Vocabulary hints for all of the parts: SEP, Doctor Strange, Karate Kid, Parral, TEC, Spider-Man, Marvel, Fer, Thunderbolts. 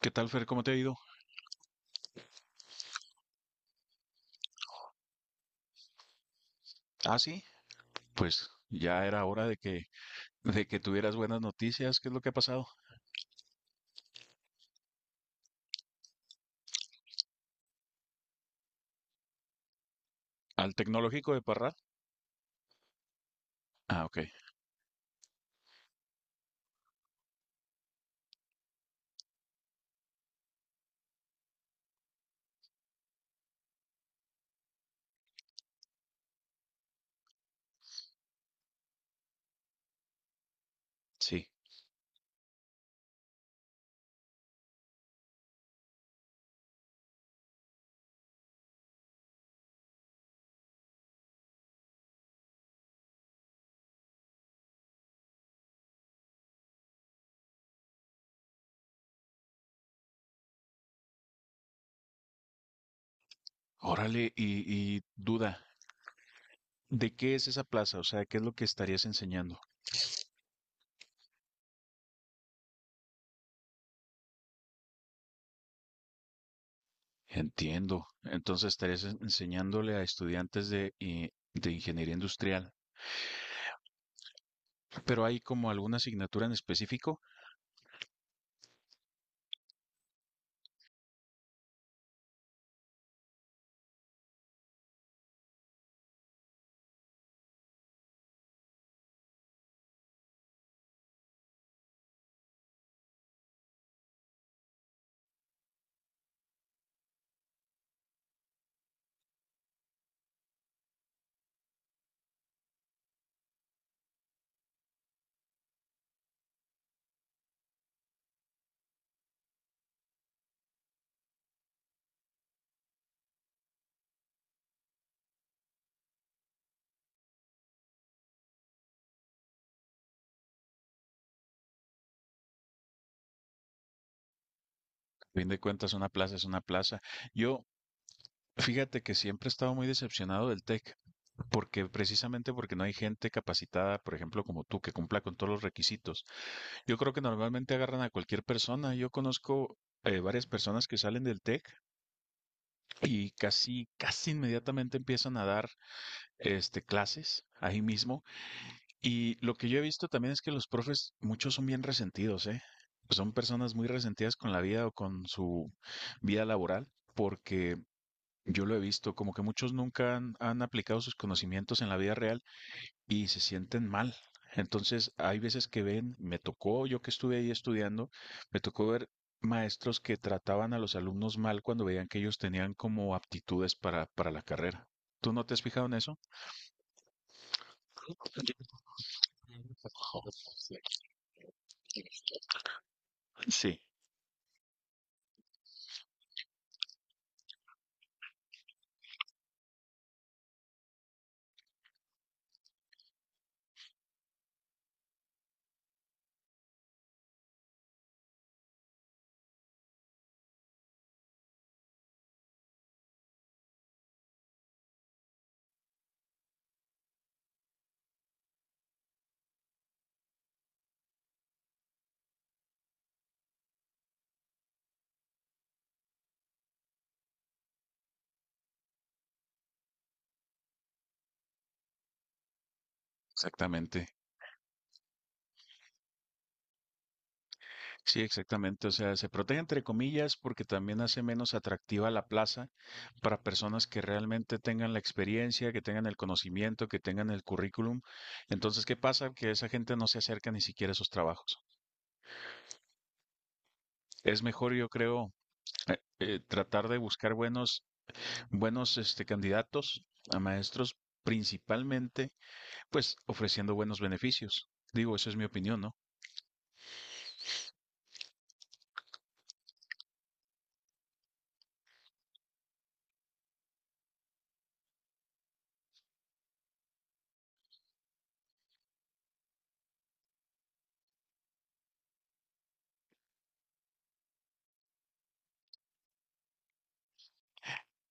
¿Qué tal, Fer? ¿Cómo te ha ido? Ah, sí, pues ya era hora de que tuvieras buenas noticias. ¿Qué es lo que ha pasado? ¿Al tecnológico de Parral? Ah, ok, sí. Órale, y duda, ¿de qué es esa plaza? O sea, ¿qué es lo que estarías enseñando? Entiendo. Entonces estarías enseñándole a estudiantes de ingeniería industrial. Pero hay como alguna asignatura en específico. A fin de cuentas, una plaza es una plaza. Yo, Fíjate que siempre he estado muy decepcionado del TEC, porque precisamente porque no hay gente capacitada, por ejemplo, como tú, que cumpla con todos los requisitos. Yo creo que normalmente agarran a cualquier persona. Yo conozco varias personas que salen del TEC y casi, casi inmediatamente empiezan a dar clases ahí mismo. Y lo que yo he visto también es que los profes, muchos son bien resentidos, ¿eh? Son personas muy resentidas con la vida o con su vida laboral, porque yo lo he visto, como que muchos nunca han aplicado sus conocimientos en la vida real y se sienten mal. Entonces, hay veces que ven, me tocó, yo que estuve ahí estudiando, me tocó ver maestros que trataban a los alumnos mal cuando veían que ellos tenían como aptitudes para la carrera. ¿Tú no te has fijado en eso? Sí, exactamente. Sí, exactamente. O sea, se protege entre comillas porque también hace menos atractiva la plaza para personas que realmente tengan la experiencia, que tengan el conocimiento, que tengan el currículum. Entonces, ¿qué pasa? Que esa gente no se acerca ni siquiera a esos trabajos. Es mejor, yo creo, tratar de buscar buenos, candidatos a maestros, principalmente, pues, ofreciendo buenos beneficios. Digo, eso es mi opinión, ¿no?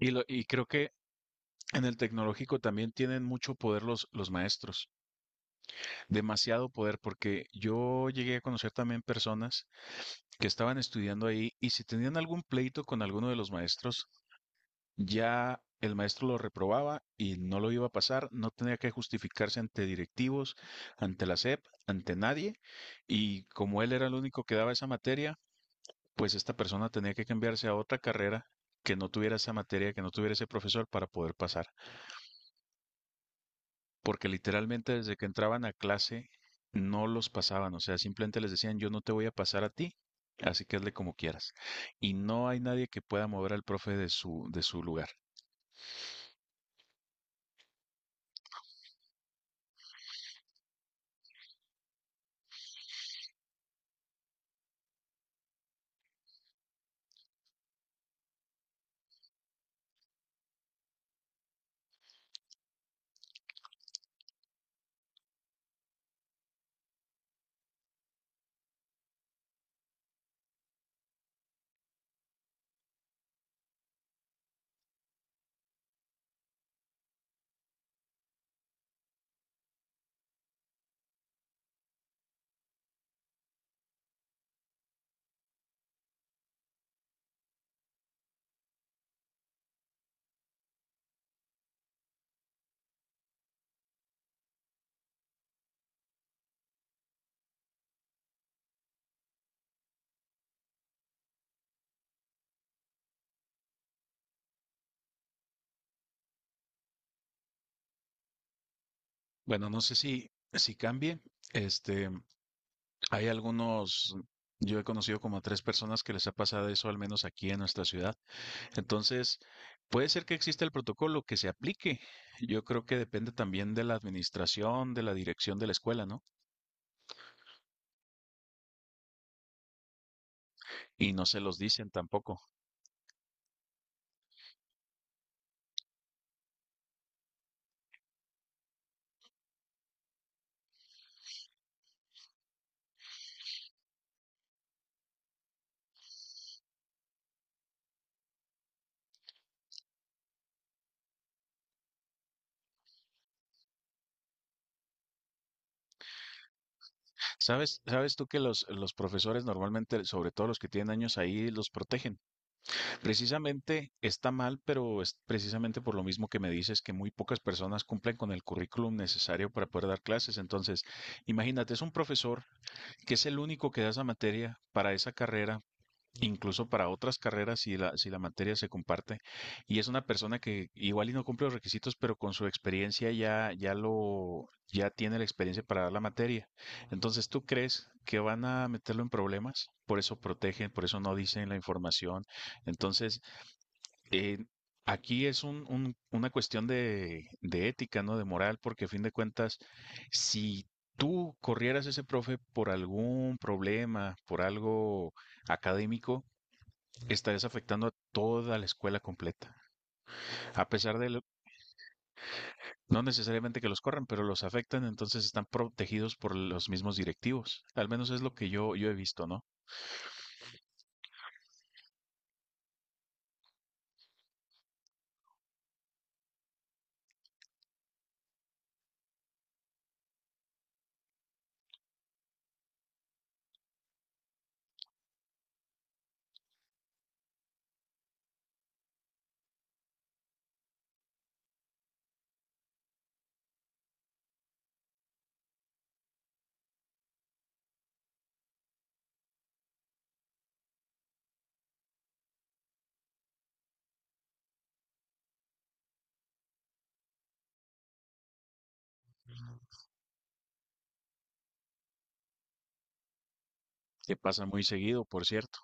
Y creo que en el tecnológico también tienen mucho poder los maestros. Demasiado poder porque yo llegué a conocer también personas que estaban estudiando ahí y si tenían algún pleito con alguno de los maestros, ya el maestro lo reprobaba y no lo iba a pasar, no tenía que justificarse ante directivos, ante la SEP, ante nadie, y como él era el único que daba esa materia, pues esta persona tenía que cambiarse a otra carrera que no tuviera esa materia, que no tuviera ese profesor para poder pasar, porque literalmente desde que entraban a clase no los pasaban. O sea, simplemente les decían, yo no te voy a pasar a ti, así que hazle como quieras. Y no hay nadie que pueda mover al profe de su lugar. Bueno, no sé si cambie, este, hay algunos, yo he conocido como a tres personas que les ha pasado eso, al menos aquí en nuestra ciudad. Entonces, puede ser que exista el protocolo que se aplique. Yo creo que depende también de la administración, de la dirección de la escuela, ¿no? Y no se los dicen tampoco. ¿Sabes, sabes tú que los profesores normalmente, sobre todo los que tienen años ahí, los protegen? Precisamente está mal, pero es precisamente por lo mismo que me dices, que muy pocas personas cumplen con el currículum necesario para poder dar clases. Entonces, imagínate, es un profesor que es el único que da esa materia para esa carrera, incluso para otras carreras si si la materia se comparte. Y es una persona que igual y no cumple los requisitos, pero con su experiencia ya tiene la experiencia para dar la materia. Entonces, ¿tú crees que van a meterlo en problemas? Por eso protegen, por eso no dicen la información. Entonces, eh, aquí es una cuestión de ética, ¿no? De moral, porque a fin de cuentas, si tú corrieras a ese profe por algún problema, por algo académico, estarías afectando a toda la escuela completa. A pesar de, lo- No necesariamente que los corran, pero los afectan, entonces están protegidos por los mismos directivos. Al menos es lo que yo he visto, ¿no? Que pasa muy seguido, por cierto.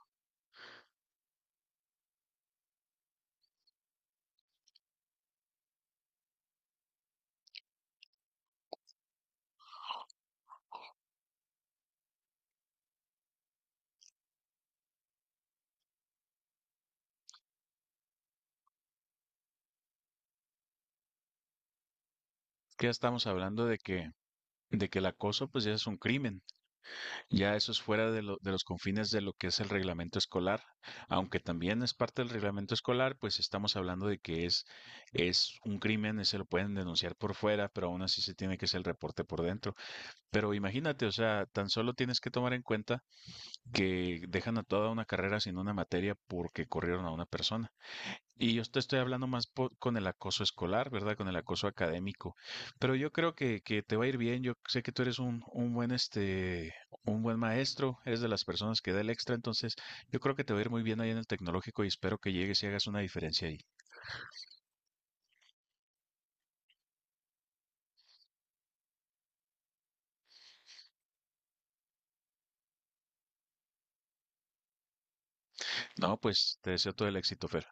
Que ya estamos hablando de que el acoso, pues ya es un crimen. Ya eso es fuera de los confines de lo que es el reglamento escolar. Aunque también es parte del reglamento escolar, pues estamos hablando de que es un crimen, y se lo pueden denunciar por fuera, pero aún así se tiene que hacer el reporte por dentro. Pero imagínate, o sea, tan solo tienes que tomar en cuenta que dejan a toda una carrera sin una materia porque corrieron a una persona. Y yo te estoy hablando con el acoso escolar, ¿verdad? Con el acoso académico. Pero yo creo que te va a ir bien. Yo sé que tú eres un buen, un buen maestro, eres de las personas que da el extra, entonces yo creo que te va a ir muy bien ahí en el tecnológico y espero que llegues y hagas una diferencia ahí. No, pues te deseo todo el éxito, Fer.